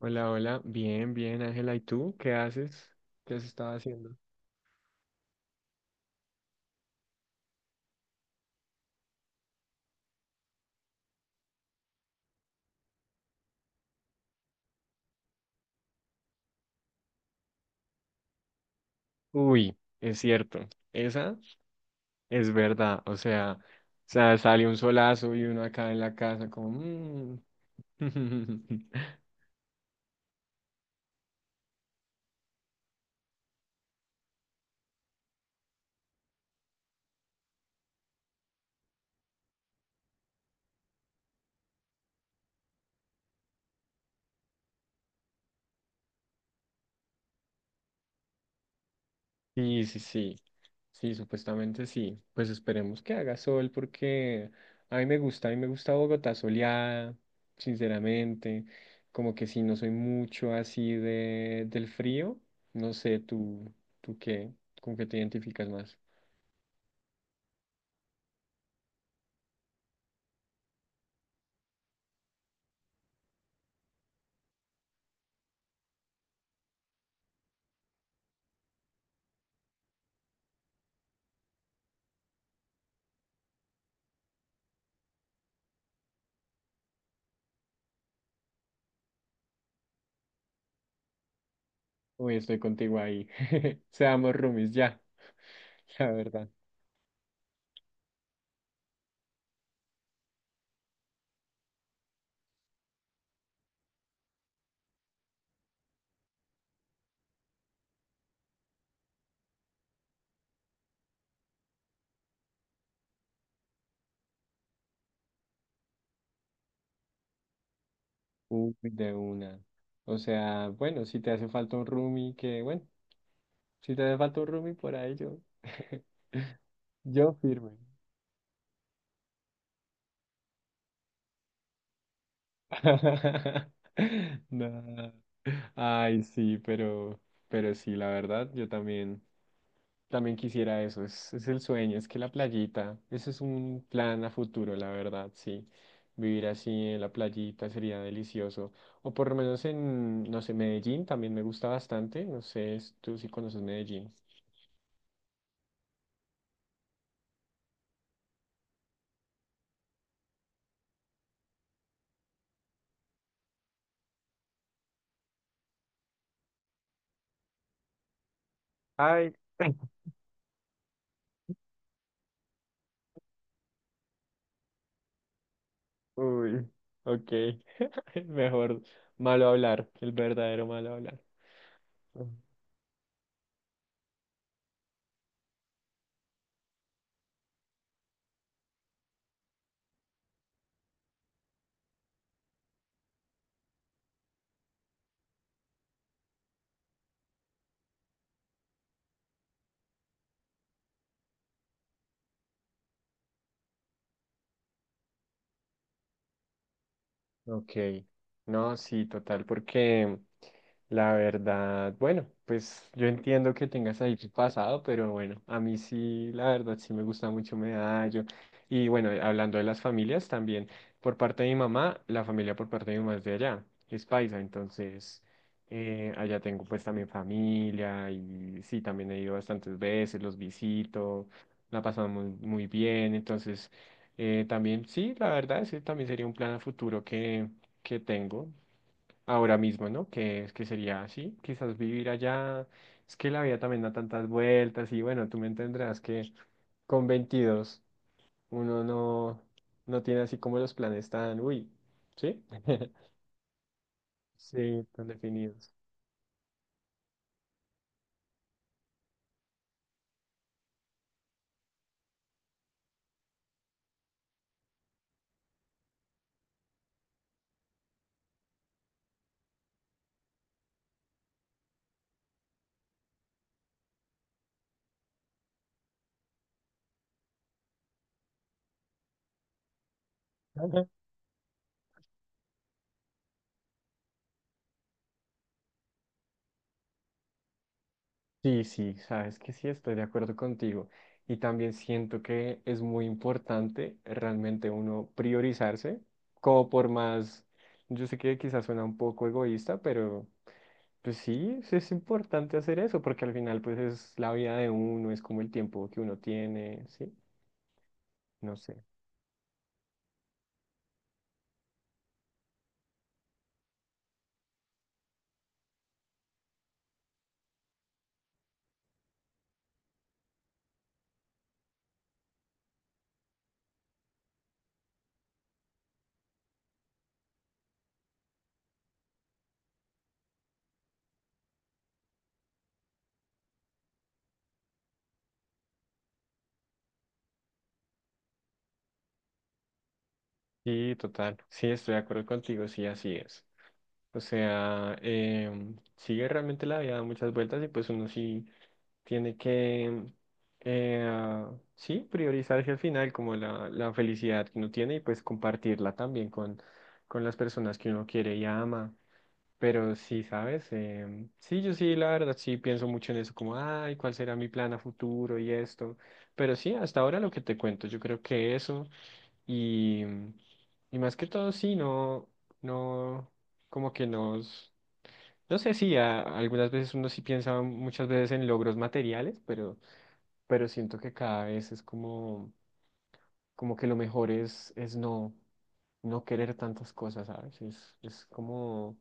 Hola, hola. Bien, bien, Ángela. ¿Y tú? ¿Qué haces? ¿Qué has estado haciendo? Uy, es cierto. Esa es verdad. O sea, sale un solazo y uno acá en la casa como... "Mm". Sí, sí, sí. Sí, supuestamente sí. Pues esperemos que haga sol porque a mí me gusta Bogotá soleada, sinceramente. Como que sí, no soy mucho así de del frío. No sé, tú, tú qué, con qué te identificas más. Uy, estoy contigo ahí. Seamos roomies ya, la verdad. Uy, de una. O sea, bueno, si te hace falta un roomie, que bueno. Si te hace falta un roomie, por ahí yo. Yo firme. No. Ay, sí, pero sí, la verdad, yo también quisiera eso. Es el sueño, es que la playita, ese es un plan a futuro, la verdad, sí. Vivir así en la playita sería delicioso. O por lo menos en, no sé, Medellín también me gusta bastante. No sé, tú si conoces Medellín. Ay. Uy, ok. Mejor malo hablar, el verdadero malo hablar. Ok, no, sí, total, porque la verdad, bueno, pues yo entiendo que tengas ahí tu pasado, pero bueno, a mí sí, la verdad, sí me gusta mucho Medallo. Y bueno, hablando de las familias también, por parte de mi mamá, la familia por parte de mi mamá es de allá, es paisa, entonces allá tengo pues también familia y sí, también he ido bastantes veces, los visito, la pasamos muy, muy bien, entonces... También, sí, la verdad, ese también sería un plan a futuro que tengo ahora mismo, ¿no? Que es que sería así, quizás vivir allá. Es que la vida también da tantas vueltas y bueno, tú me entenderás que con 22 uno no tiene así como los planes tan, uy, ¿sí? Sí, tan definidos. Sí, sí, sabes que sí, estoy de acuerdo contigo. Y también siento que es muy importante realmente uno priorizarse, como por más, yo sé que quizás suena un poco egoísta, pero pues sí, sí es importante hacer eso, porque al final pues es la vida de uno, es como el tiempo que uno tiene, ¿sí? No sé. Sí, total. Sí, estoy de acuerdo contigo, sí, así es. O sea, sigue realmente la vida da muchas vueltas y pues uno sí. Tiene que, sí, priorizarse al final como la felicidad que uno tiene y pues compartirla también con las personas que uno quiere y ama. Pero sí, ¿sabes? Sí, yo sí, la verdad, sí pienso mucho en eso, como, ay, ¿cuál será mi plan a futuro y esto? Pero sí, hasta ahora lo que te cuento, yo creo que eso. Y, y más que todo, sí, no, no, como que nos, no sé si algunas veces uno sí piensa muchas veces en logros materiales, pero siento que cada vez es como, como que lo mejor es no querer tantas cosas, ¿sabes? Es como,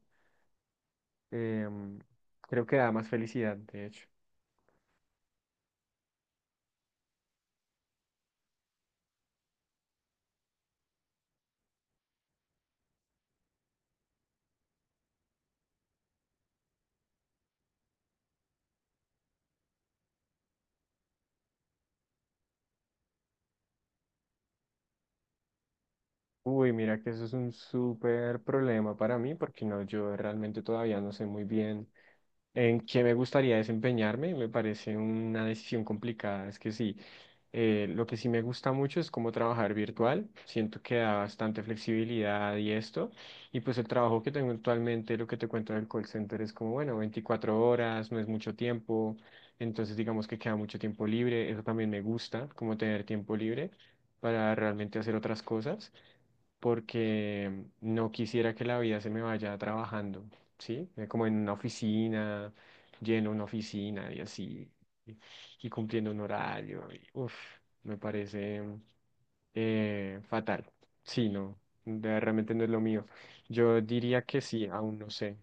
em, creo que da más felicidad, de hecho. Uy, mira que eso es un súper problema para mí, porque no, yo realmente todavía no sé muy bien en qué me gustaría desempeñarme, me parece una decisión complicada. Es que sí, lo que sí me gusta mucho es cómo trabajar virtual. Siento que da bastante flexibilidad y esto. Y pues el trabajo que tengo actualmente, lo que te cuento del call center es como, bueno, 24 horas, no es mucho tiempo. Entonces digamos que queda mucho tiempo libre. Eso también me gusta, como tener tiempo libre para realmente hacer otras cosas porque no quisiera que la vida se me vaya trabajando, ¿sí? Como en una oficina, lleno una oficina y así, y, cumpliendo un horario, y, uf, me parece fatal. Sí, no, de- realmente no es lo mío. Yo diría que sí, aún no sé.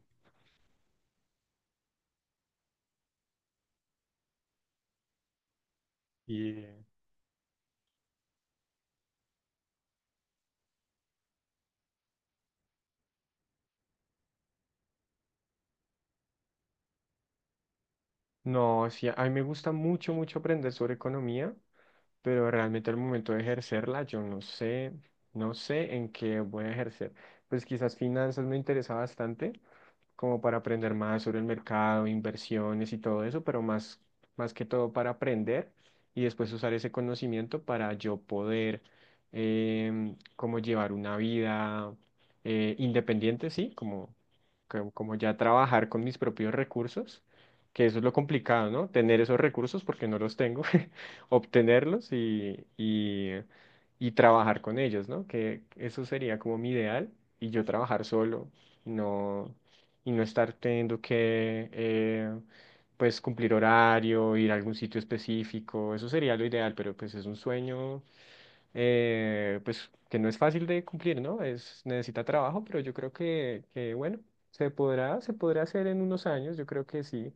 Y no, sí, a mí me gusta mucho, mucho aprender sobre economía. Pero realmente al momento de ejercerla, yo no sé, no sé en qué voy a ejercer. Pues quizás finanzas me interesa bastante, como para aprender más sobre el mercado, inversiones y todo eso, pero más que todo para aprender y después usar ese conocimiento para yo poder como llevar una vida independiente, sí, como ya trabajar con mis propios recursos, que eso es lo complicado, ¿no? Tener esos recursos porque no los tengo, obtenerlos y trabajar con ellos, ¿no? Que eso sería como mi ideal y yo trabajar solo. No, y no estar teniendo que pues cumplir horario, ir a algún sitio específico, eso sería lo ideal, pero pues es un sueño pues que no es fácil de cumplir, ¿no? Es, necesita trabajo, pero yo creo que bueno, se podrá hacer en unos años, yo creo que sí.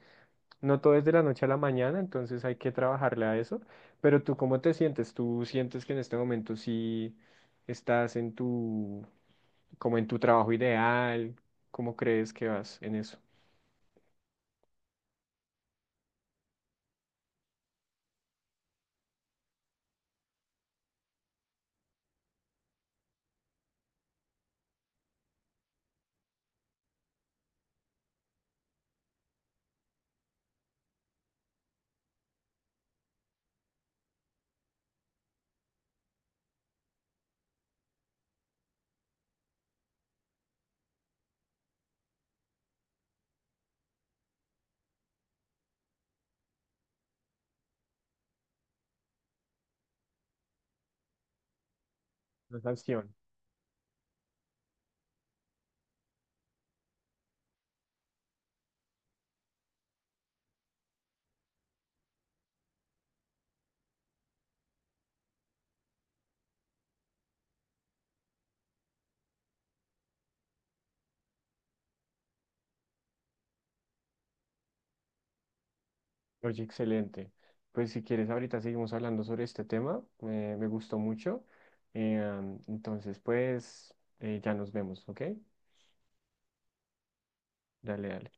No todo es de la noche a la mañana, entonces hay que trabajarle a eso. Pero tú, ¿cómo te sientes? ¿Tú sientes que en este momento sí estás como en tu trabajo ideal? ¿Cómo crees que vas en eso? La canción. Oye, excelente. Pues si quieres, ahorita seguimos hablando sobre este tema. Me gustó mucho. Eh, entonces, pues, ya nos vemos, ¿ok? Dale, dale.